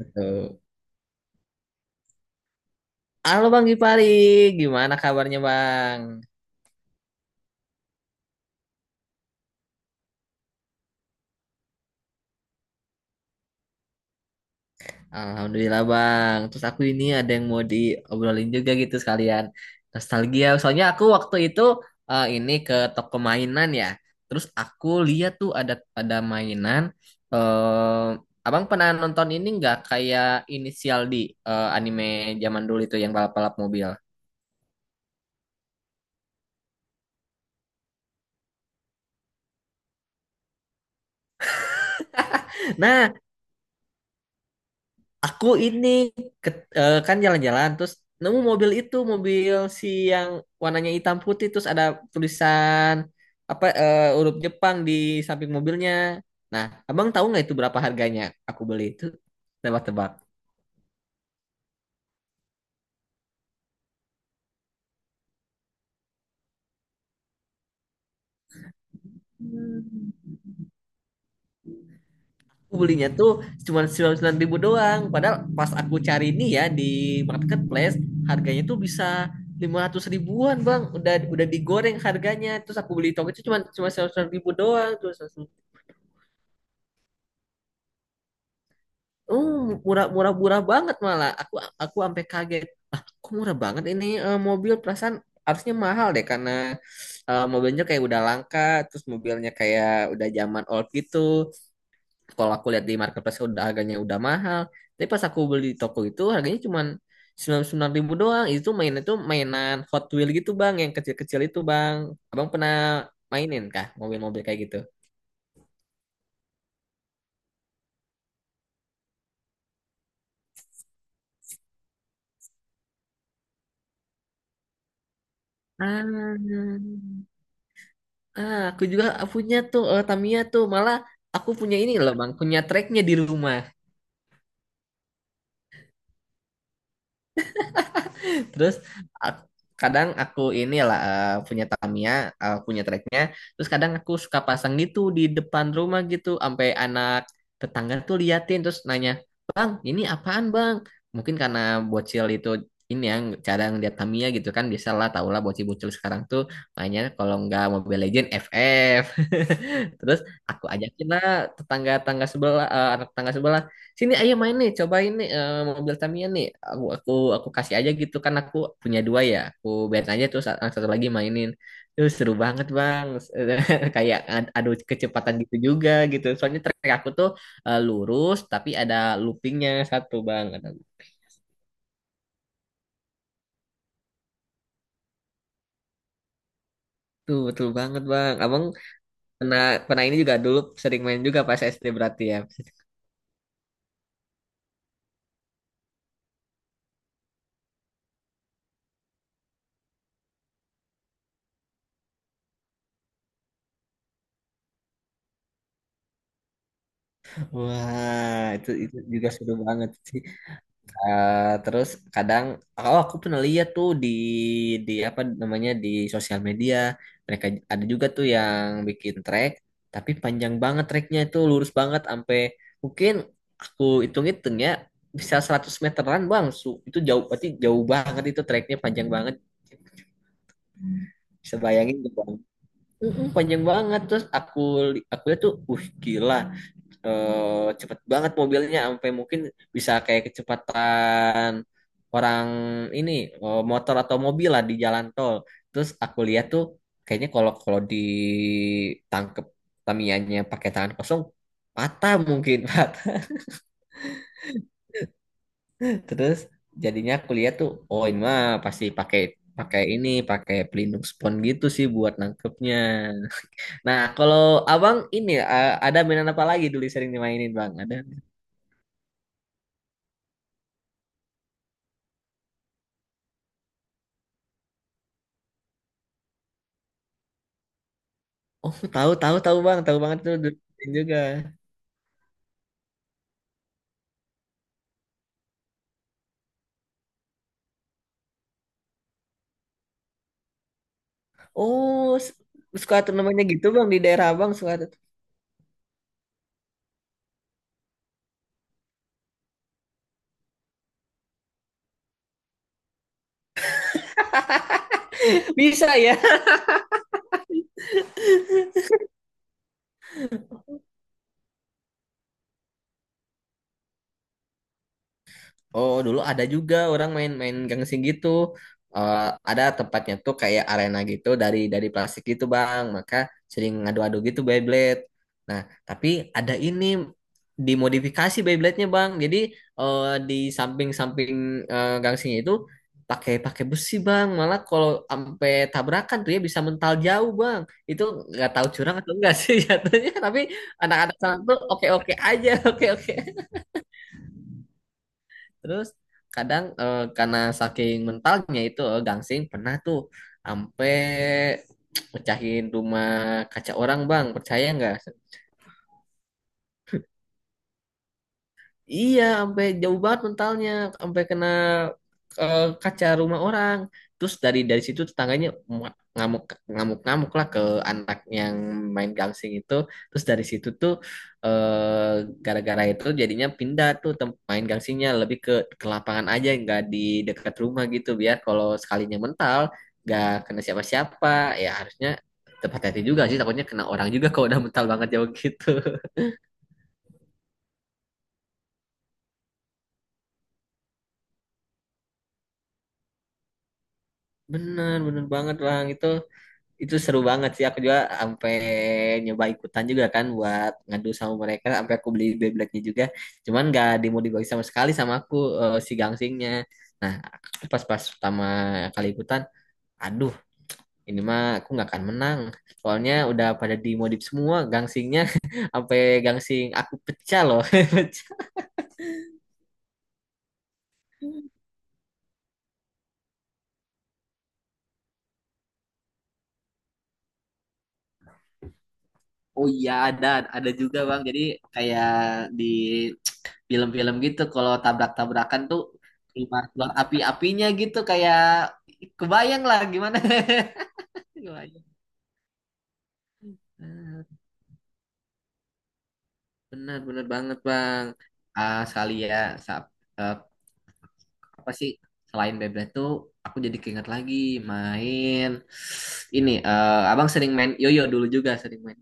Betul. Halo Bang Gipari, gimana kabarnya Bang? Alhamdulillah Bang. Terus aku ini ada yang mau diobrolin juga gitu sekalian. Nostalgia. Soalnya aku waktu itu ini ke toko mainan ya. Terus aku lihat tuh ada mainan. eh Abang pernah nonton ini nggak kayak Inisial di anime zaman dulu itu yang balap-balap mobil? Nah, aku ini ke- kan jalan-jalan terus nemu mobil itu mobil si yang warnanya hitam putih terus ada tulisan apa huruf Jepang di samping mobilnya. Nah, abang tahu nggak itu berapa harganya? Aku beli itu tebak-tebak. Aku belinya tuh cuma 99.000 doang. Padahal pas aku cari ini ya di marketplace harganya tuh bisa 500 ribuan bang. Udah digoreng harganya. Terus aku beli toko itu cuma cuma 99.000 doang. Terus oh, murah murah murah banget malah. Aku sampai kaget. Ah, kok murah banget ini mobil perasaan harusnya mahal deh karena mobilnya kayak udah langka, terus mobilnya kayak udah zaman old gitu. Kalau aku lihat di marketplace udah harganya udah mahal. Tapi pas aku beli di toko itu harganya cuman 9.000 doang. Itu mainan Hot Wheel gitu bang, yang kecil-kecil itu bang. Abang pernah mainin kah mobil-mobil kayak gitu? Ah. Ah, aku juga punya tuh Tamiya tuh. Malah aku punya ini loh Bang, punya tracknya di rumah. Terus aku, kadang aku inilah punya Tamiya, punya treknya. Terus kadang aku suka pasang gitu di depan rumah gitu, sampai anak tetangga tuh liatin terus nanya, Bang, ini apaan Bang? Mungkin karena bocil itu ini yang cara ngeliat Tamiya gitu kan biasalah tau lah bocil-bocil sekarang tuh mainnya kalau nggak Mobile Legend FF terus aku ajakin lah tetangga-tetangga sebelah anak tetangga sebelah sini ayo main nih cobain nih mobil Tamiya nih aku kasih aja gitu kan aku punya dua ya aku biar aja terus yang satu lagi mainin terus seru banget bang kayak adu kecepatan gitu juga gitu soalnya trek aku tuh lurus tapi ada loopingnya satu bang ada tuh betul banget bang abang pernah pernah ini juga dulu sering main juga pas SD berarti ya wah itu juga seru banget sih. Eh, terus kadang oh aku pernah lihat tuh di apa namanya di sosial media mereka ada juga tuh yang bikin trek tapi panjang banget treknya itu lurus banget sampai mungkin aku hitung-hitung ya bisa 100 meteran bang Su. Itu jauh berarti jauh banget itu treknya panjang banget bisa bayangin gak, bang. Mm-mm, panjang banget terus aku aku lihat tuh gila cepet banget mobilnya sampai mungkin bisa kayak kecepatan orang ini motor atau mobil lah di jalan tol. Terus aku lihat tuh kayaknya kalau kalau ditangkep Tamianya pakai tangan kosong patah mungkin patah. Terus jadinya aku lihat tuh oh ini mah pasti pakai pakai ini pakai pelindung spons gitu sih buat nangkepnya. Nah, kalau abang ini ada mainan apa lagi dulu sering dimainin bang? Ada oh, tahu tahu tahu Bang, tahu banget tuh dulu main juga. Oh, suka tuh namanya gitu Bang di daerah Abang suka tuh. Bisa ya? Oh, dulu ada juga orang main-main gangsing gitu. Eh, ada tempatnya tuh kayak arena gitu dari plastik gitu, Bang. Maka sering ngadu-adu gitu Beyblade. Nah, tapi ada ini dimodifikasi Beyblade-nya, Bang. Jadi di samping-samping gangsingnya itu pakai pakai besi, Bang. Malah kalau sampai tabrakan tuh ya bisa mental jauh, Bang. Itu nggak tahu curang atau enggak sih jatuhnya, tapi anak-anak sekarang tuh oke-oke aja, oke-oke. Terus kadang karena saking mentalnya itu gangsing pernah tuh sampai pecahin rumah kaca orang bang percaya nggak? Iya, sampai jauh banget mentalnya, sampai kena kaca rumah orang. Terus dari situ tetangganya ngamuk ngamuk ngamuk lah ke anak yang main gangsing itu. Terus dari situ tuh eh, gara-gara itu jadinya pindah tuh main gangsingnya lebih ke lapangan aja, nggak di dekat rumah gitu. Biar kalau sekalinya mental nggak kena siapa-siapa. Ya harusnya tetap hati-hati juga sih, takutnya kena orang juga kalau udah mental banget jauh gitu. Bener, bener banget Bang itu. Itu seru banget sih aku juga sampai nyoba ikutan juga kan buat ngadu sama mereka sampai aku beli Beyblade-nya juga cuman gak dimodifikasi sama sekali sama aku si gangsingnya nah aku pas-pas pertama kali ikutan aduh ini mah aku nggak akan menang soalnya udah pada dimodif semua gangsingnya sampai gangsing aku pecah loh Oh iya ada juga bang. Jadi kayak di film-film gitu kalau tabrak-tabrakan tuh keluar-keluar api-apinya gitu kayak kebayang lah gimana. Kebayang. Ah, benar benar banget bang. Ah sekali ya sa- eh, apa sih selain bebek tuh aku jadi keinget lagi main ini abang sering main yoyo dulu juga sering main.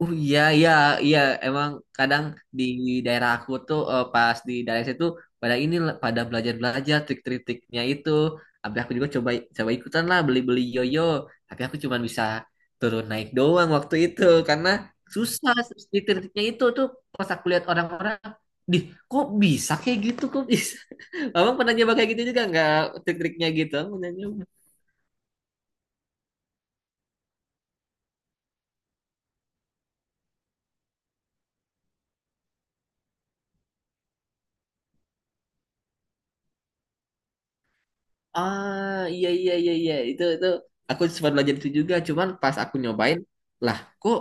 Oh iya iya iya emang kadang di daerah aku tuh pas di daerah situ pada ini lah, pada belajar-belajar trik-triknya itu. Tapi aku juga coba coba ikutan lah beli-beli yoyo. Tapi aku cuma bisa turun naik doang waktu itu karena susah trik-triknya itu tuh pas aku lihat orang-orang, dih kok bisa kayak gitu kok bisa. Abang pernah nyoba kayak gitu juga nggak trik-triknya gitu? Abang pernah nyoba? Ah, iya iya iya iya itu aku sempat belajar itu juga, cuman pas aku nyobain, lah kok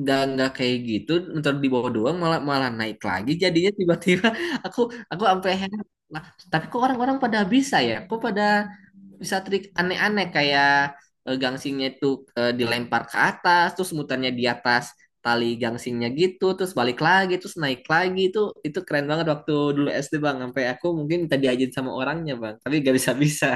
nggak kayak gitu, ntar di bawah doang malah malah naik lagi jadinya tiba-tiba aku aku sampai heran. Lah, tapi kok orang-orang pada bisa ya? Kok pada bisa trik aneh-aneh kayak gangsingnya itu dilempar ke atas, terus mutarnya di atas tali gangsingnya gitu, terus balik lagi, terus naik lagi itu keren banget waktu dulu SD Bang, sampai aku mungkin minta diajarin sama orangnya Bang, tapi gak bisa-bisa.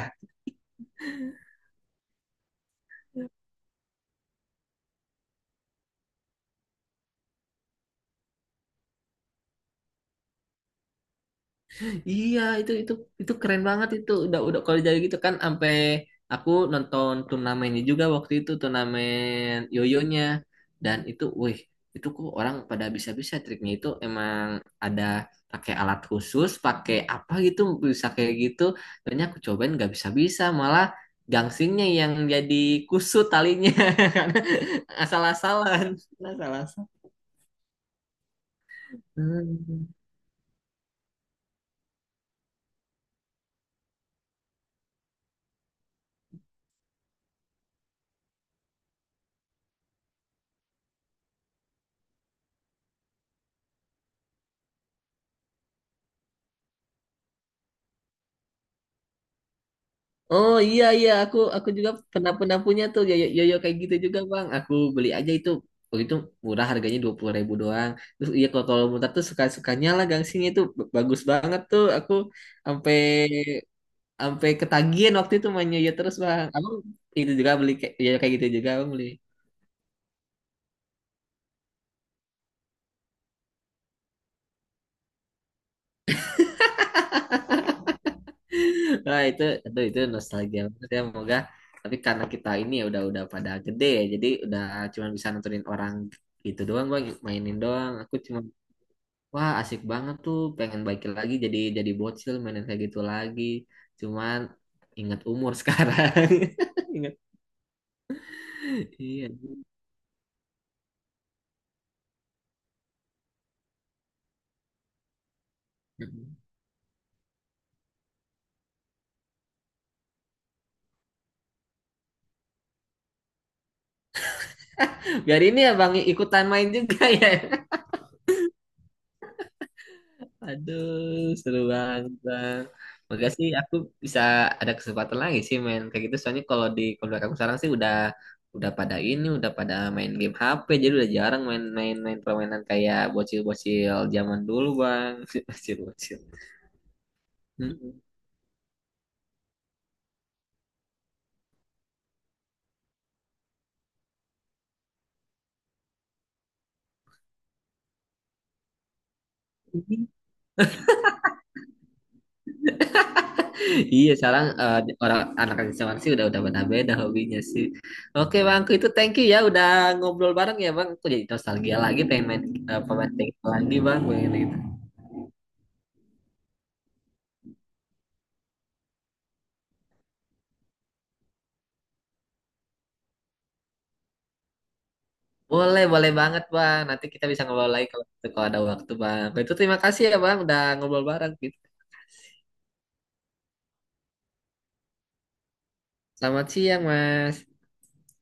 Iya, itu keren banget itu. Udah kalau jadi gitu kan sampai aku nonton turnamennya juga waktu itu turnamen yoyonya dan itu wih, itu kok orang pada bisa-bisa triknya itu emang ada pakai alat khusus, pakai apa gitu bisa kayak gitu. Ternyata aku cobain nggak bisa-bisa, malah gangsingnya yang jadi kusut talinya karena asal-asalan, asal-asalan. Oh iya iya aku juga pernah pernah punya tuh yoyo yoyo kayak gitu juga bang. Aku beli aja itu waktu itu murah harganya 20.000 doang. Terus iya kalau kalau mutar tuh suka sukanya lah gangsingnya itu bagus banget tuh. Aku sampai sampai ketagihan waktu itu main yoyo terus bang. Abang itu juga beli kayak yoyo kayak gitu juga bang beli. Nah itu nostalgia banget ya moga. Tapi karena kita ini ya udah pada gede ya, jadi udah cuma bisa nontonin orang itu doang bang mainin doang. Aku cuma wah, asik banget tuh. Pengen baikin lagi jadi bocil mainin kayak gitu lagi. Cuman ingat umur sekarang. Ingat. Iya. Biar ini ya Bang ikutan main juga ya. Aduh, seru banget Bang. Makasih aku bisa ada kesempatan lagi sih main kayak gitu. Soalnya kalau di keluarga aku sekarang sih udah pada ini, udah pada main game HP. Jadi udah jarang main permainan kayak bocil-bocil zaman dulu Bang. Bocil-bocil. Mm-mm. Iya, sekarang orang anak zaman sih udah beda-beda hobinya sih. Oke, Bang, itu thank you ya udah ngobrol bareng ya, Bang. Aku jadi nostalgia lagi pengen main pemain tenis lagi, Bang. Pengen gitu. Boleh, boleh banget, Bang. Nanti kita bisa ngobrol lagi kalau ada waktu, Bang. Itu terima kasih ya, Bang, udah ngobrol bareng gitu. Selamat siang, Mas.